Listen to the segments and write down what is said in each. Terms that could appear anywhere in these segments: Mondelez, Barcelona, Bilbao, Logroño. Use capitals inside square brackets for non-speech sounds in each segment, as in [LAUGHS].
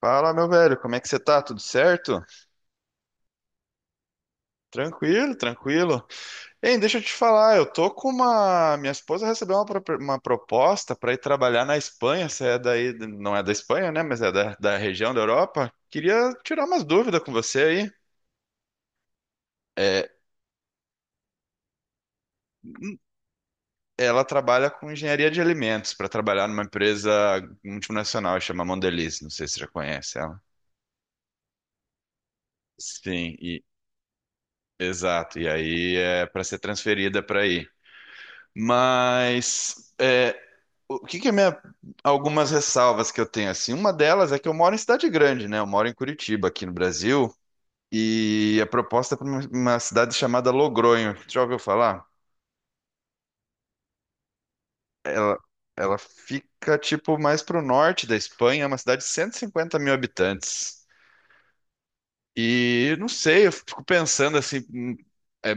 Fala, meu velho, como é que você tá? Tudo certo? Tranquilo, tranquilo. Hein, deixa eu te falar, eu tô com uma. Minha esposa recebeu uma proposta para ir trabalhar na Espanha. Você é daí, não é da Espanha, né? Mas é da região da Europa. Queria tirar umas dúvidas com você aí. É, ela trabalha com engenharia de alimentos para trabalhar numa empresa multinacional, chama Mondelez. Não sei se você já conhece ela. Sim, exato. E aí é para ser transferida para aí. Mas é. O que que é minha, algumas ressalvas que eu tenho assim? Uma delas é que eu moro em cidade grande, né? Eu moro em Curitiba, aqui no Brasil, e a proposta é para uma cidade chamada Logronho. Já ouviu falar? Ela, ela fica tipo mais para o norte da Espanha, é uma cidade de 150 mil habitantes. E eu não sei, eu fico pensando assim, é,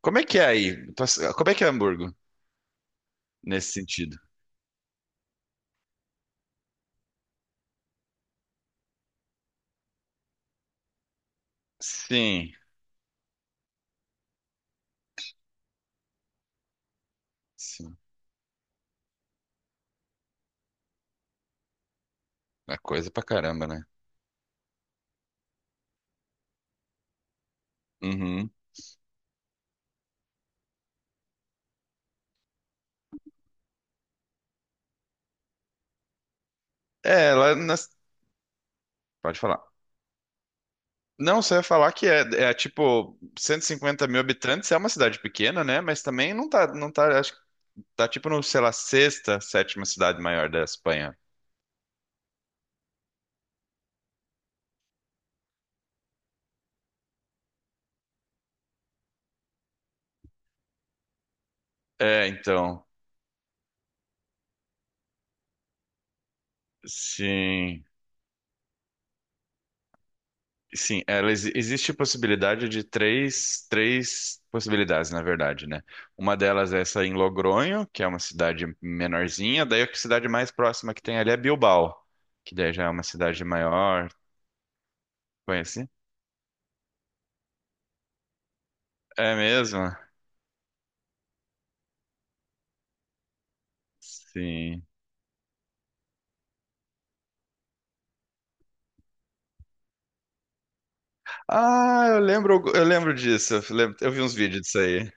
como é que é aí? Como é que é Hamburgo nesse sentido? Sim, sim. É coisa pra caramba, né? Uhum. É, ela nas, pode falar. Não, você ia falar que é tipo 150 mil habitantes, é uma cidade pequena, né? Mas também não tá, acho que tá tipo no, sei lá, sexta, sétima cidade maior da Espanha. É, então, sim, sim, existe possibilidade de três, possibilidades, na verdade, né? Uma delas é essa em Logronho, que é uma cidade menorzinha, daí a cidade mais próxima que tem ali é Bilbao, que daí já é uma cidade maior, conhece? É mesmo? Sim. Ah, eu lembro disso. Eu vi uns vídeos disso aí.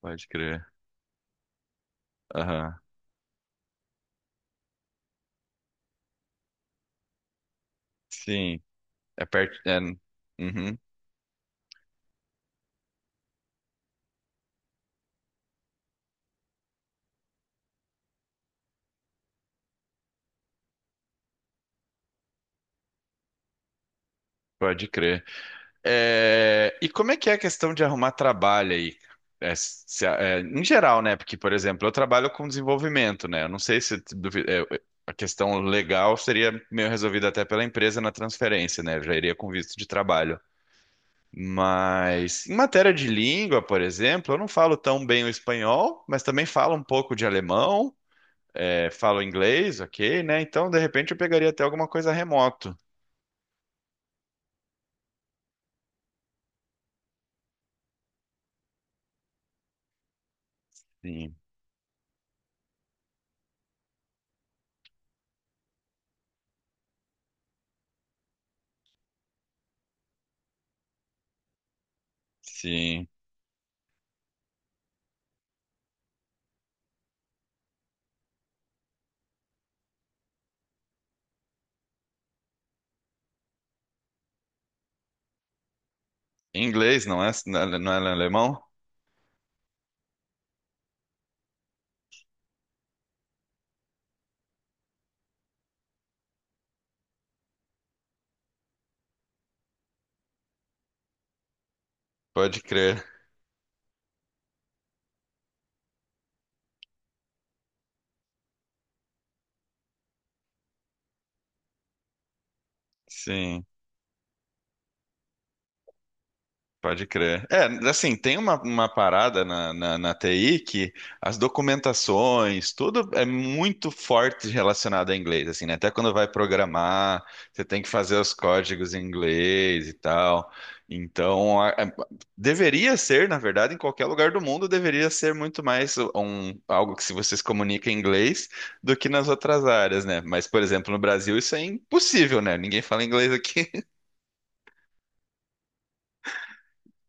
Pode crer. Aham. Sim. É perto. Uhum. Pode crer. É, e como é que é a questão de arrumar trabalho aí? É, é, em geral, né? Porque, por exemplo, eu trabalho com desenvolvimento, né? Eu não sei se é, a questão legal seria meio resolvida até pela empresa na transferência, né? Eu já iria com visto de trabalho. Mas em matéria de língua, por exemplo, eu não falo tão bem o espanhol, mas também falo um pouco de alemão, falo inglês, ok, né? Então, de repente, eu pegaria até alguma coisa remoto. Sim, sim. Em inglês, não é? Não é alemão? Pode crer. Sim. Pode crer. É, assim, tem uma, parada na TI, que as documentações, tudo é muito forte relacionado a inglês, assim, né? Até quando vai programar, você tem que fazer os códigos em inglês e tal. Então, deveria ser, na verdade, em qualquer lugar do mundo, deveria ser muito mais um, algo que se você se comunica em inglês do que nas outras áreas, né? Mas, por exemplo, no Brasil isso é impossível, né? Ninguém fala inglês aqui.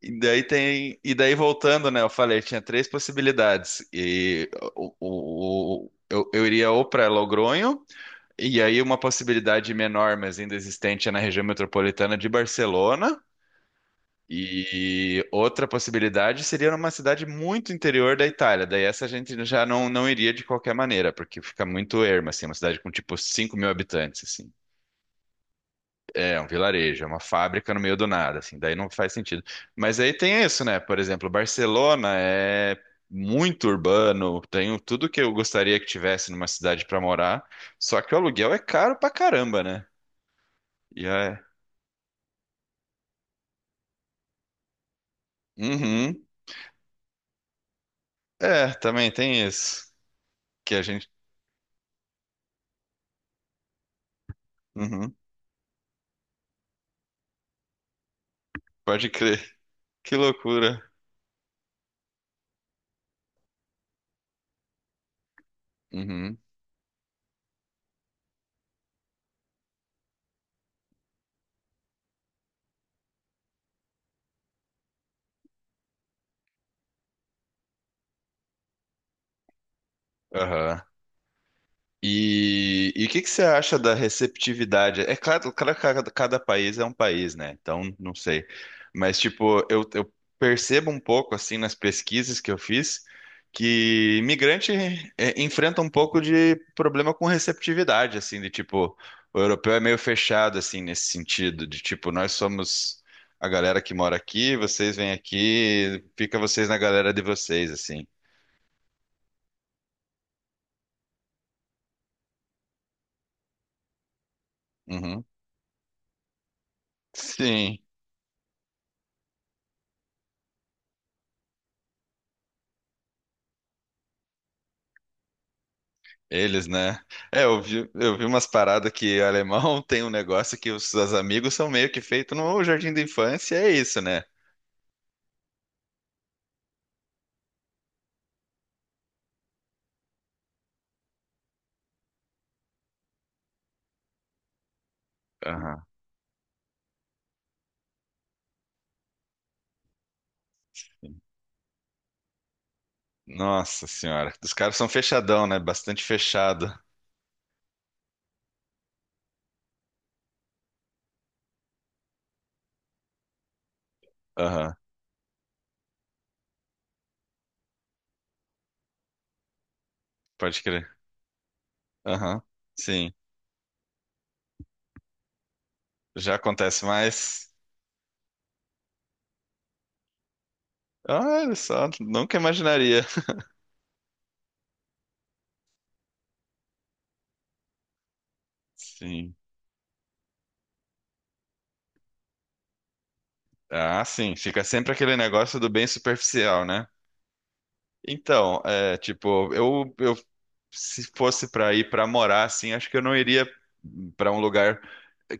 E daí tem, e daí voltando, né? Eu falei, tinha três possibilidades. E eu iria ou para Logronho, e aí uma possibilidade menor, mas ainda existente, é na região metropolitana de Barcelona. E outra possibilidade seria numa cidade muito interior da Itália. Daí essa a gente já não iria de qualquer maneira, porque fica muito erma, assim, uma cidade com tipo 5 mil habitantes, assim. É, um vilarejo, é uma fábrica no meio do nada, assim, daí não faz sentido. Mas aí tem isso, né? Por exemplo, Barcelona é muito urbano, tenho tudo que eu gostaria que tivesse numa cidade pra morar, só que o aluguel é caro pra caramba, né? E é. Uhum. É, também tem isso. Que a gente. Uhum. Pode crer. Que loucura. Uhum. Aham. E o que que você acha da receptividade? É claro, claro que cada país é um país, né? Então, não sei. Mas, tipo, eu percebo um pouco, assim, nas pesquisas que eu fiz, que imigrante é, enfrenta um pouco de problema com receptividade, assim, de tipo, o europeu é meio fechado, assim, nesse sentido, de tipo, nós somos a galera que mora aqui, vocês vêm aqui, fica vocês na galera de vocês, assim. Uhum. Sim. Eles, né? É, eu vi umas paradas que alemão [LAUGHS] tem um negócio que os amigos são meio que feito no jardim da infância, é isso, né? Aham. Nossa senhora. Os caras são fechadão, né? Bastante fechado. Aham. Pode crer. Aham. Sim. Já acontece mais. Olha só, nunca imaginaria. [LAUGHS] Sim. Ah, sim. Fica sempre aquele negócio do bem superficial, né? Então, é, tipo, eu se fosse pra ir pra morar, assim, acho que eu não iria pra um lugar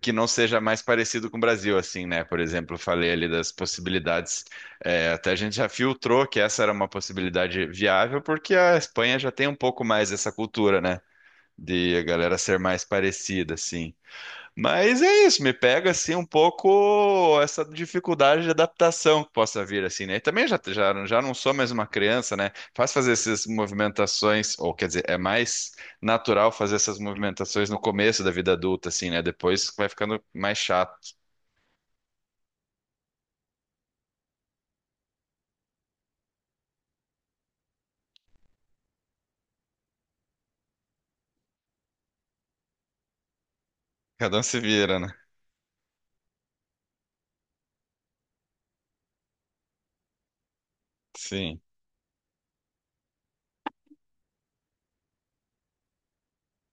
que não seja mais parecido com o Brasil, assim, né? Por exemplo, eu falei ali das possibilidades. É, até a gente já filtrou que essa era uma possibilidade viável, porque a Espanha já tem um pouco mais dessa cultura, né? De a galera ser mais parecida, assim. Mas é isso, me pega assim um pouco essa dificuldade de adaptação que possa vir assim, né? E também já não sou mais uma criança, né? Fazer essas movimentações, ou quer dizer, é mais natural fazer essas movimentações no começo da vida adulta, assim, né? Depois vai ficando mais chato. Cada um se vira, né? Sim.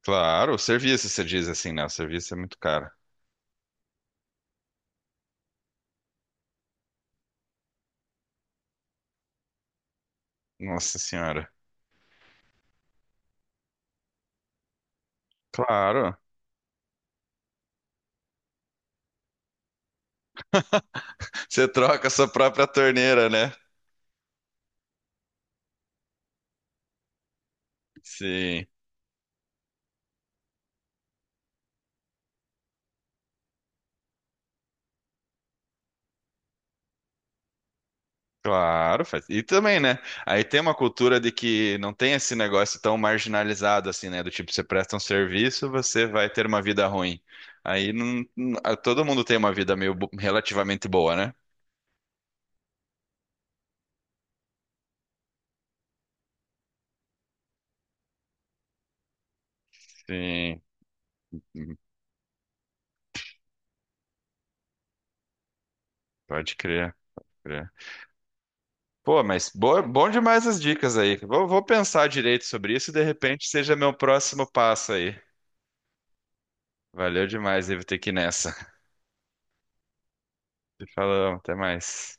Claro, o serviço, você diz assim, né? O serviço é muito caro. Nossa senhora. Claro. Você troca a sua própria torneira, né? Sim. Claro, faz. E também, né? Aí tem uma cultura de que não tem esse negócio tão marginalizado assim, né? Do tipo, você presta um serviço, você vai ter uma vida ruim. Aí ah, todo mundo tem uma vida meio relativamente boa, né? Sim, hum, pode crer. Pô, mas boa, bom demais as dicas aí. Vou pensar direito sobre isso e de repente seja meu próximo passo aí. Valeu demais, devo ter que ir nessa. [LAUGHS] Te falamos, até mais.